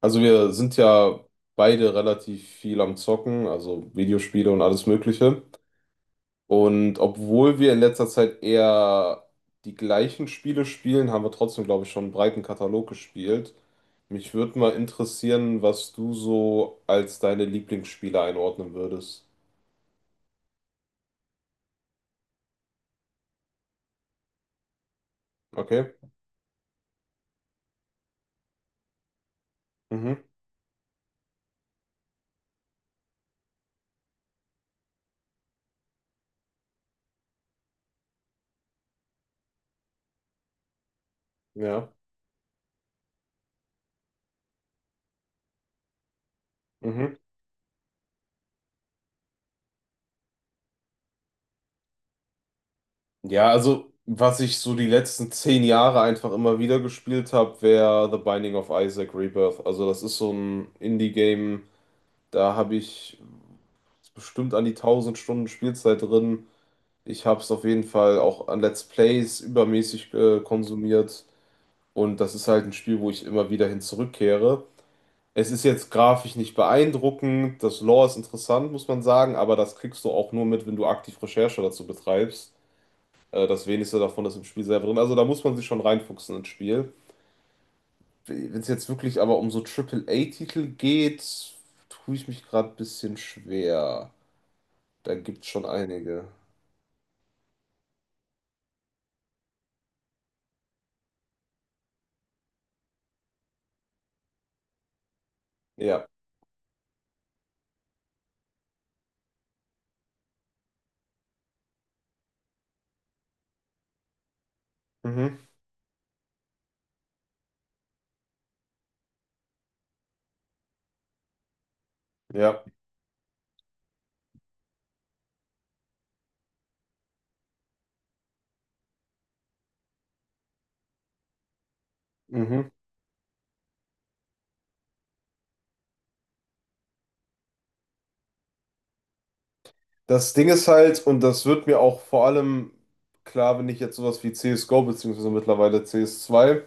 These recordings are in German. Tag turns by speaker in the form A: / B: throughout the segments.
A: Also wir sind ja beide relativ viel am Zocken, also Videospiele und alles Mögliche. Und obwohl wir in letzter Zeit eher die gleichen Spiele spielen, haben wir trotzdem, glaube ich, schon einen breiten Katalog gespielt. Mich würde mal interessieren, was du so als deine Lieblingsspiele einordnen würdest. Okay. Mhm. Ja. Mhm. Ja, also was ich so die letzten zehn Jahre einfach immer wieder gespielt habe, wäre The Binding of Isaac Rebirth. Also das ist so ein Indie-Game. Da habe ich bestimmt an die 1000 Stunden Spielzeit drin. Ich habe es auf jeden Fall auch an Let's Plays übermäßig konsumiert. Und das ist halt ein Spiel, wo ich immer wieder hin zurückkehre. Es ist jetzt grafisch nicht beeindruckend. Das Lore ist interessant, muss man sagen. Aber das kriegst du auch nur mit, wenn du aktiv Recherche dazu betreibst. Das wenigste davon ist im Spiel selber drin. Also da muss man sich schon reinfuchsen ins Spiel. Wenn es jetzt wirklich aber um so A titel geht, tue ich mich gerade ein bisschen schwer. Da gibt's schon einige. Ja. Mhm. Ja. Mhm. Das Ding ist halt, und das wird mir auch vor allem klar, wenn ich jetzt sowas wie CSGO beziehungsweise mittlerweile CS2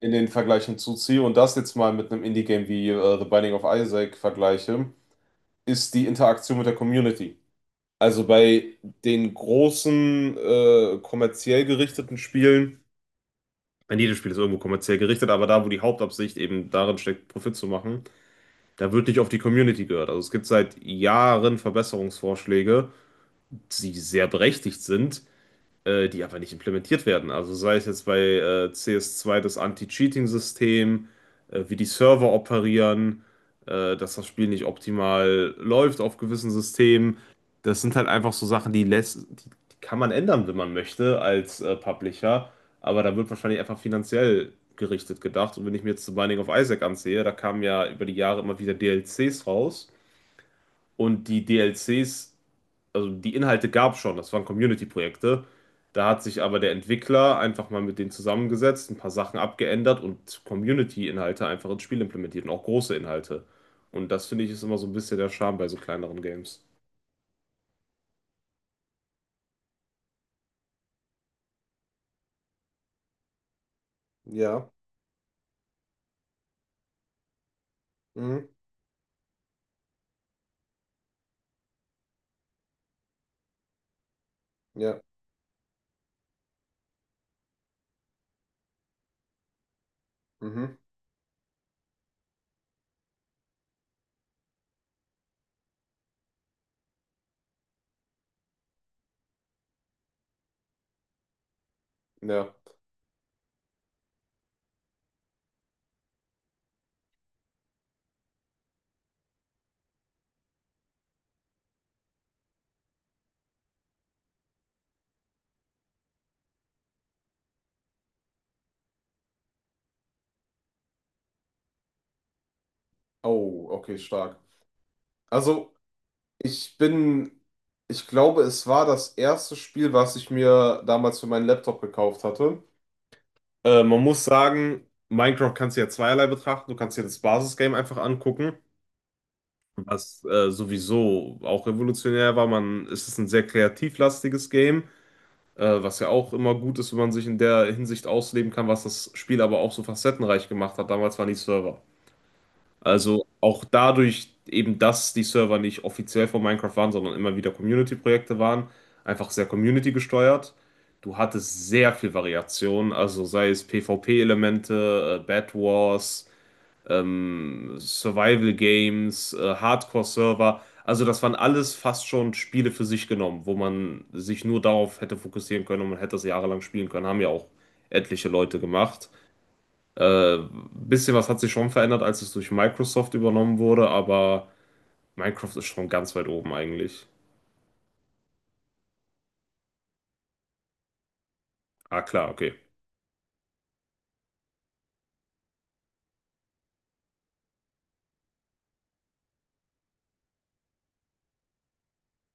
A: in den Vergleichen zuziehe und das jetzt mal mit einem Indie-Game wie The Binding of Isaac vergleiche, ist die Interaktion mit der Community. Also bei den großen, kommerziell gerichteten Spielen, ich meine, jedes Spiel ist irgendwo kommerziell gerichtet, aber da, wo die Hauptabsicht eben darin steckt, Profit zu machen, da wird nicht auf die Community gehört. Also es gibt seit Jahren Verbesserungsvorschläge, die sehr berechtigt sind, die einfach nicht implementiert werden. Also sei es jetzt bei cs zwei das Anti-Cheating-System, wie die Server operieren, dass das Spiel nicht optimal läuft auf gewissen Systemen. Das sind halt einfach so Sachen, die kann man ändern, wenn man möchte, als Publisher. Aber da wird wahrscheinlich einfach finanziell gerichtet gedacht. Und wenn ich mir jetzt The Binding of Isaac ansehe, da kamen ja über die Jahre immer wieder DLCs raus. Und die DLCs, also die Inhalte, gab es schon, das waren Community-Projekte. Da hat sich aber der Entwickler einfach mal mit denen zusammengesetzt, ein paar Sachen abgeändert und Community-Inhalte einfach ins Spiel implementiert und auch große Inhalte. Und das finde ich ist immer so ein bisschen der Charme bei so kleineren Games. Ja, mhm. Ja, mhm. Ja. Oh, okay, stark. Also, ich bin, ich glaube, es war das erste Spiel, was ich mir damals für meinen Laptop gekauft hatte. Man muss sagen, Minecraft kannst du ja zweierlei betrachten. Du kannst dir das Basisgame einfach angucken, was sowieso auch revolutionär war. Man, es ist ein sehr kreativlastiges Game, was ja auch immer gut ist, wenn man sich in der Hinsicht ausleben kann, was das Spiel aber auch so facettenreich gemacht hat. Damals waren die Server. Also auch dadurch eben, dass die Server nicht offiziell von Minecraft waren, sondern immer wieder Community-Projekte waren, einfach sehr Community gesteuert. Du hattest sehr viel Variation, also sei es PvP-Elemente, Bed Wars, Survival Games, Hardcore-Server. Also das waren alles fast schon Spiele für sich genommen, wo man sich nur darauf hätte fokussieren können und man hätte das jahrelang spielen können. Haben ja auch etliche Leute gemacht. Bisschen was hat sich schon verändert, als es durch Microsoft übernommen wurde, aber Minecraft ist schon ganz weit oben eigentlich. Ah, klar, okay.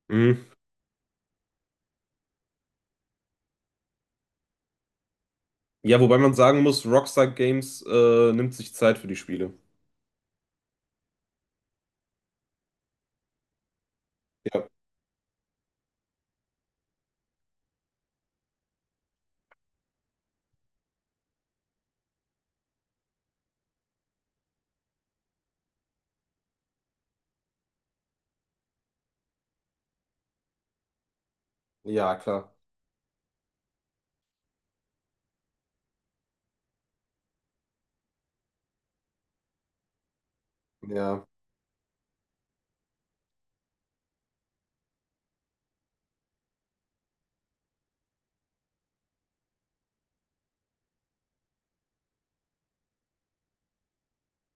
A: Mhm. Ja, wobei man sagen muss, Rockstar Games nimmt sich Zeit für die Spiele. Ja, ja, klar. Ja.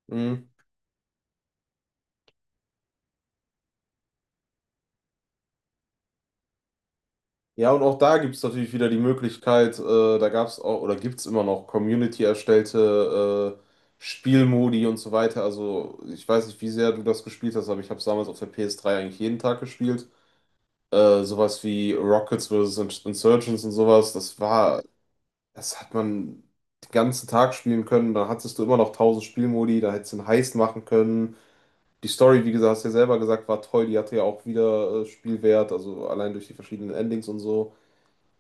A: Mhm. Ja, und auch da gibt es natürlich wieder die Möglichkeit, da gab es auch, oder gibt es immer noch Community-erstellte Spielmodi und so weiter. Also ich weiß nicht, wie sehr du das gespielt hast, aber ich habe es damals auf der PS3 eigentlich jeden Tag gespielt. Sowas wie Rockets versus Insurgents und sowas, das hat man den ganzen Tag spielen können, da hattest du immer noch tausend Spielmodi, da hättest du einen Heist machen können. Die Story, wie gesagt, hast du ja selber gesagt, war toll, die hatte ja auch wieder Spielwert, also allein durch die verschiedenen Endings und so.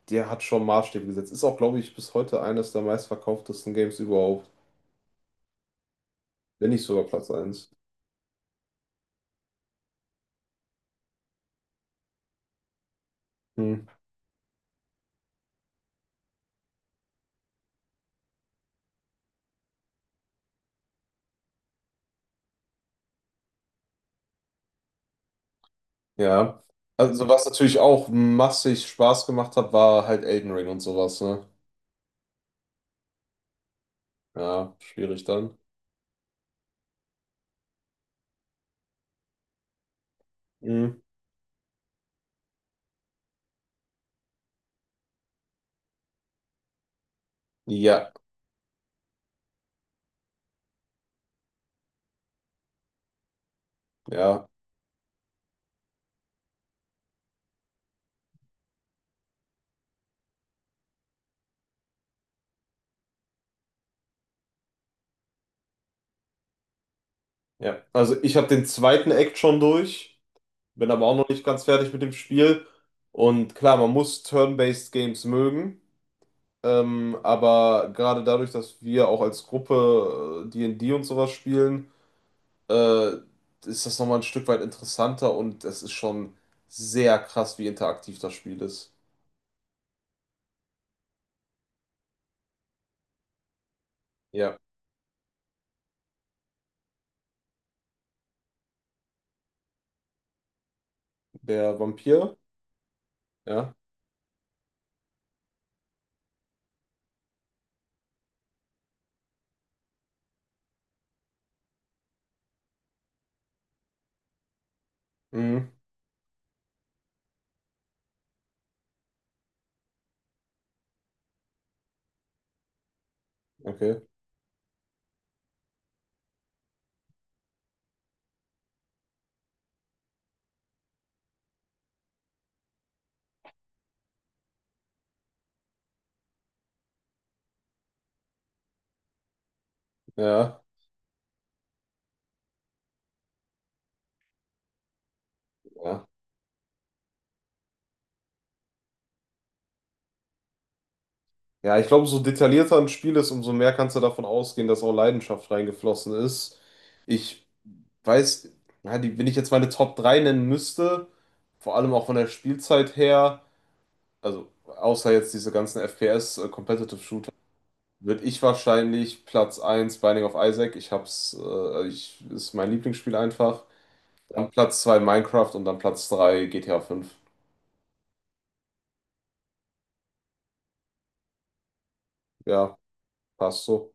A: Der hat schon Maßstäbe gesetzt. Ist auch, glaube ich, bis heute eines der meistverkauftesten Games überhaupt, wenn nicht sogar Platz eins. Hm. Ja. Also, was natürlich auch massig Spaß gemacht hat, war halt Elden Ring und sowas, ne? Ja, schwierig dann. Mhm. Ja, ja, ja. Also ich habe den zweiten Act schon durch, bin aber auch noch nicht ganz fertig mit dem Spiel. Und klar, man muss Turn-based Games mögen. Aber gerade dadurch, dass wir auch als Gruppe D&D und D und sowas spielen, äh, ist das nochmal ein Stück weit interessanter und es ist schon sehr krass, wie interaktiv das Spiel ist. Ja, der Vampir? Ja. Mhm. Okay. Ja. Ja. Ja, ich glaube, so detaillierter ein Spiel ist, umso mehr kannst du davon ausgehen, dass auch Leidenschaft reingeflossen ist. Ich weiß, ja, wenn ich jetzt meine Top 3 nennen müsste, vor allem auch von der Spielzeit her, also außer jetzt diese ganzen FPS, Competitive Shooter, würde ich wahrscheinlich Platz eins Binding of Isaac, ist mein Lieblingsspiel einfach, dann Platz 2 Minecraft und dann Platz 3 GTA 5. Ja, passt so.